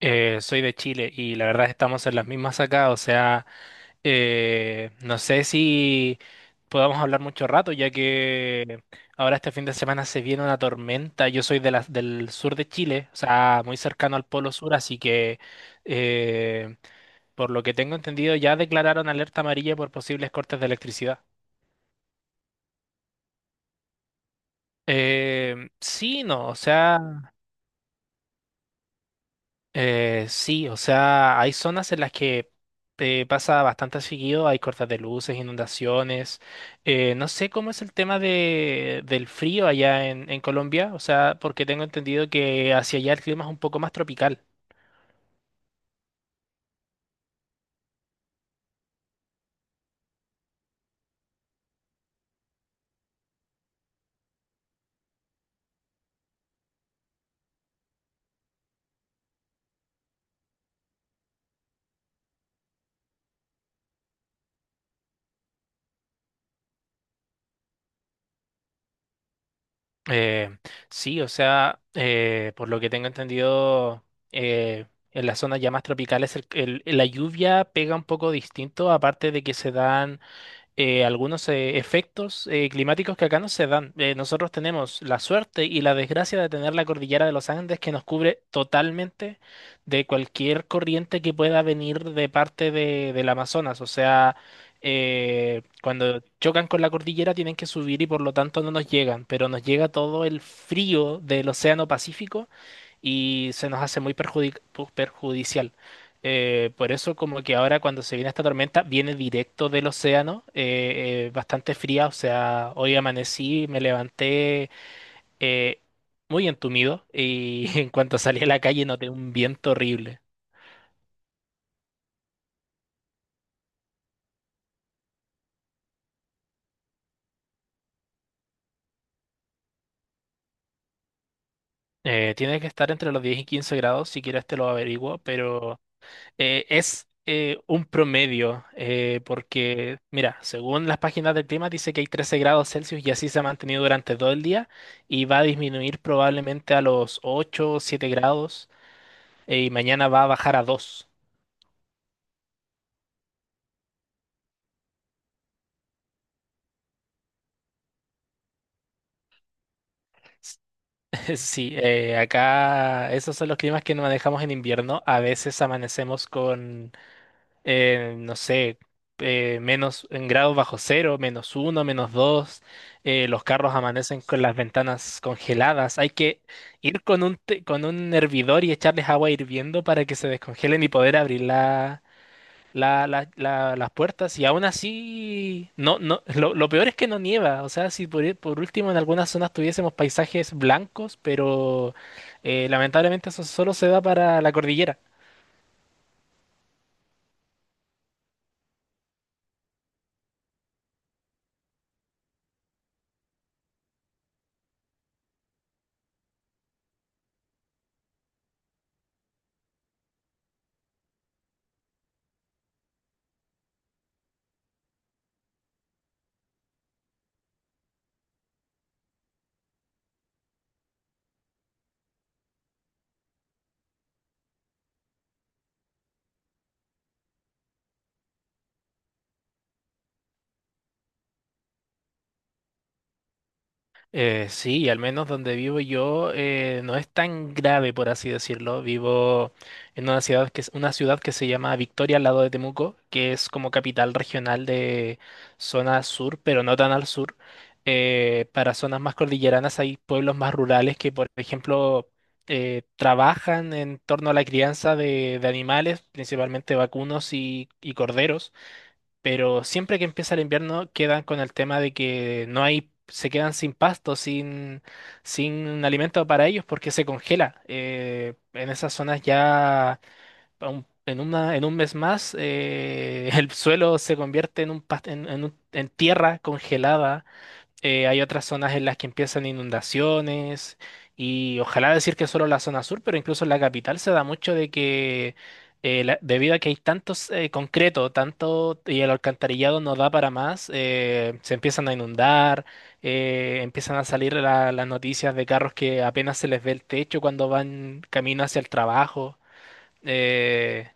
Soy de Chile y la verdad estamos en las mismas acá, o sea, no sé si podamos hablar mucho rato, ya que ahora este fin de semana se viene una tormenta. Yo soy del sur de Chile, o sea, muy cercano al Polo Sur, así que eh, por lo que tengo entendido ya declararon alerta amarilla por posibles cortes de electricidad. Sí, no, o sea... sí, o sea, hay zonas en las que pasa bastante seguido, hay cortes de luces, inundaciones. No sé cómo es el tema de, del frío allá en Colombia, o sea, porque tengo entendido que hacia allá el clima es un poco más tropical. Eh, sí, o sea, por lo que tengo entendido, eh, en las zonas ya más tropicales la lluvia pega un poco distinto, aparte de que se dan algunos efectos climáticos que acá no se dan. Nosotros tenemos la suerte y la desgracia de tener la cordillera de los Andes que nos cubre totalmente de cualquier corriente que pueda venir de parte de, del Amazonas. O sea, cuando chocan con la cordillera tienen que subir y por lo tanto no nos llegan, pero nos llega todo el frío del Océano Pacífico y se nos hace muy perjudicial. Por eso como que ahora cuando se viene esta tormenta viene directo del océano, bastante fría, o sea, hoy amanecí, me levanté eh, muy entumido y en cuanto salí a la calle noté un viento horrible. Tiene que estar entre los 10 y 15 grados, si quieres te lo averiguo, pero es un promedio, porque, mira, según las páginas del clima dice que hay 13 grados Celsius y así se ha mantenido durante todo el día y va a disminuir probablemente a los 8, o 7 grados y mañana va a bajar a 2. Sí, acá esos son los climas que nos manejamos en invierno. A veces amanecemos con no sé, menos en grados bajo cero, menos uno, menos dos, los carros amanecen con las ventanas congeladas. Hay que ir con un, con un hervidor y echarles agua hirviendo para que se descongelen y poder abrir la, las puertas. Y aún así, no, no, lo peor es que no nieva. O sea, si por último en algunas zonas tuviésemos paisajes blancos, pero lamentablemente eso solo se da para la cordillera. Sí, y al menos donde vivo yo no es tan grave, por así decirlo. Vivo en una ciudad que es una ciudad que se llama Victoria al lado de Temuco, que es como capital regional de zona sur, pero no tan al sur. Para zonas más cordilleranas hay pueblos más rurales que, por ejemplo, trabajan en torno a la crianza de animales, principalmente vacunos y corderos. Pero siempre que empieza el invierno quedan con el tema de que no hay, se quedan sin pasto, sin, sin alimento para ellos porque se congela. En esas zonas ya en una, en un mes más el suelo se convierte en un, en, en tierra congelada hay otras zonas en las que empiezan inundaciones y ojalá decir que solo la zona sur, pero incluso en la capital se da mucho de que debido a que hay tantos concreto, tanto y el alcantarillado no da para más, se empiezan a inundar, empiezan a salir las noticias de carros que apenas se les ve el techo cuando van camino hacia el trabajo. Eh,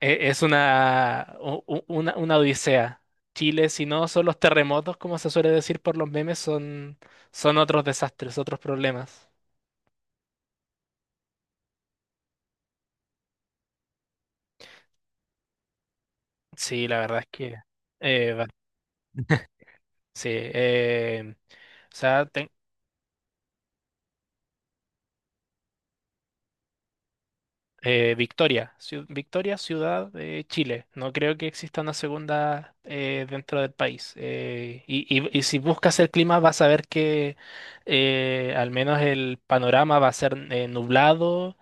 es una, una odisea. Chile, si no son los terremotos, como se suele decir por los memes, son, son otros desastres, otros problemas. Sí, la verdad es que... eh, va- sí, o sea, Victoria, Victoria, ciudad de Chile. No creo que exista una segunda dentro del país. Y si buscas el clima vas a ver que al menos el panorama va a ser nublado,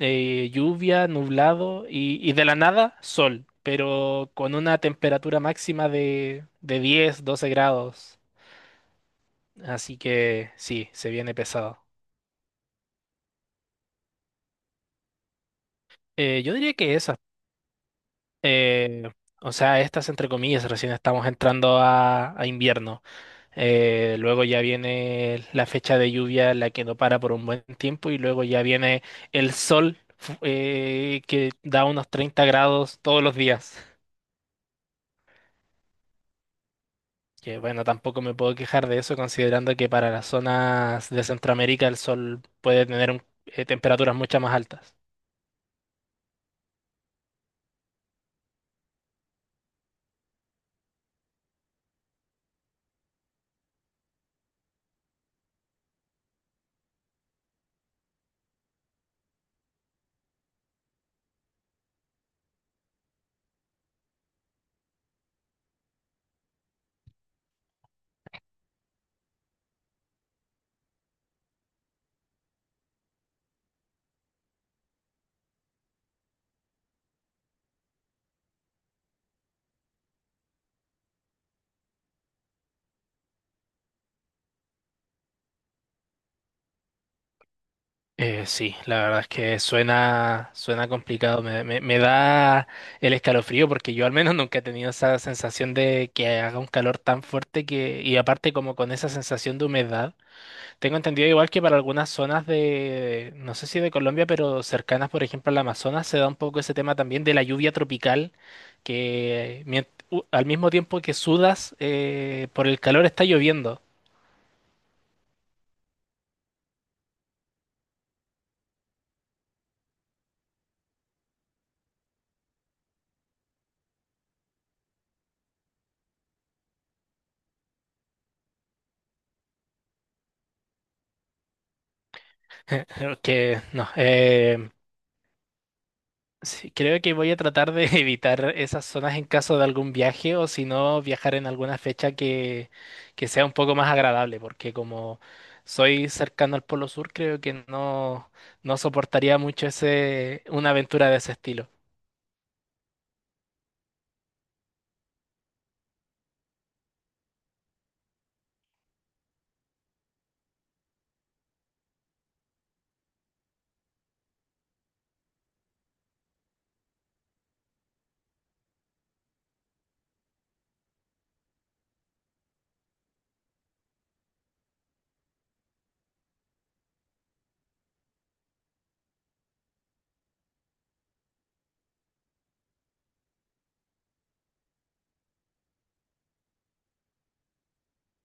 lluvia, nublado y de la nada sol, pero con una temperatura máxima de 10, 12 grados. Así que sí, se viene pesado. Yo diría que eso. Eh, o sea, estas entre comillas, recién estamos entrando a invierno. Luego ya viene la fecha de lluvia, la que no para por un buen tiempo, y luego ya viene el sol que da unos 30 grados todos los días. Que bueno, tampoco me puedo quejar de eso, considerando que para las zonas de Centroamérica el sol puede tener temperaturas mucho más altas. Sí, la verdad es que suena, suena complicado. Me da el escalofrío porque yo al menos nunca he tenido esa sensación de que haga un calor tan fuerte que, y aparte como con esa sensación de humedad. Tengo entendido igual que para algunas zonas de, no sé si de Colombia, pero cercanas, por ejemplo, al Amazonas, se da un poco ese tema también de la lluvia tropical, que al mismo tiempo que sudas, por el calor está lloviendo. Que no, Sí, creo que voy a tratar de evitar esas zonas en caso de algún viaje o si no viajar en alguna fecha que sea un poco más agradable, porque como soy cercano al Polo Sur, creo que no, no soportaría mucho ese, una aventura de ese estilo.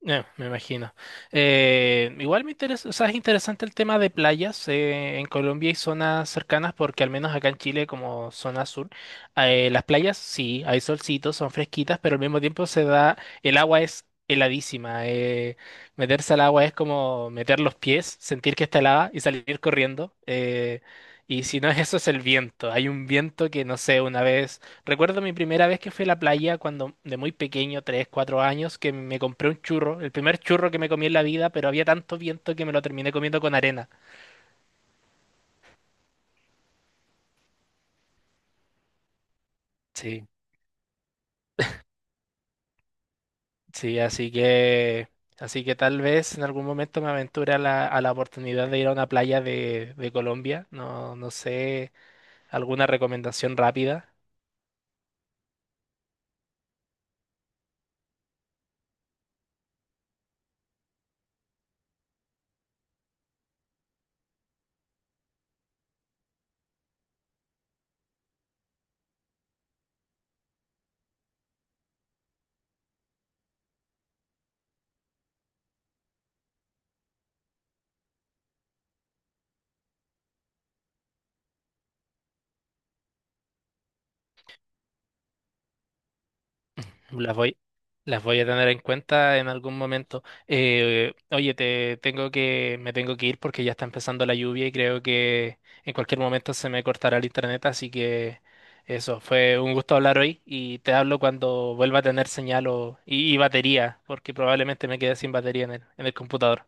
Me imagino. Igual me interesa, o sea, es interesante el tema de playas en Colombia y zonas cercanas, porque al menos acá en Chile, como zona sur, las playas sí, hay solcitos, son fresquitas, pero al mismo tiempo se da, el agua es heladísima. Meterse al agua es como meter los pies, sentir que está helada y salir corriendo. Y si no es eso, es el viento. Hay un viento que, no sé, una vez. Recuerdo mi primera vez que fui a la playa cuando de muy pequeño, 3, 4 años, que me compré un churro, el primer churro que me comí en la vida, pero había tanto viento que me lo terminé comiendo con arena. Sí, sí, así que tal vez en algún momento me aventure a la oportunidad de ir a una playa de Colombia. No, no sé, alguna recomendación rápida. Las voy, las voy a tener en cuenta en algún momento. Oye, te tengo que, me tengo que ir porque ya está empezando la lluvia y creo que en cualquier momento se me cortará el internet, así que eso, fue un gusto hablar hoy y te hablo cuando vuelva a tener señal y batería, porque probablemente me quede sin batería en el computador.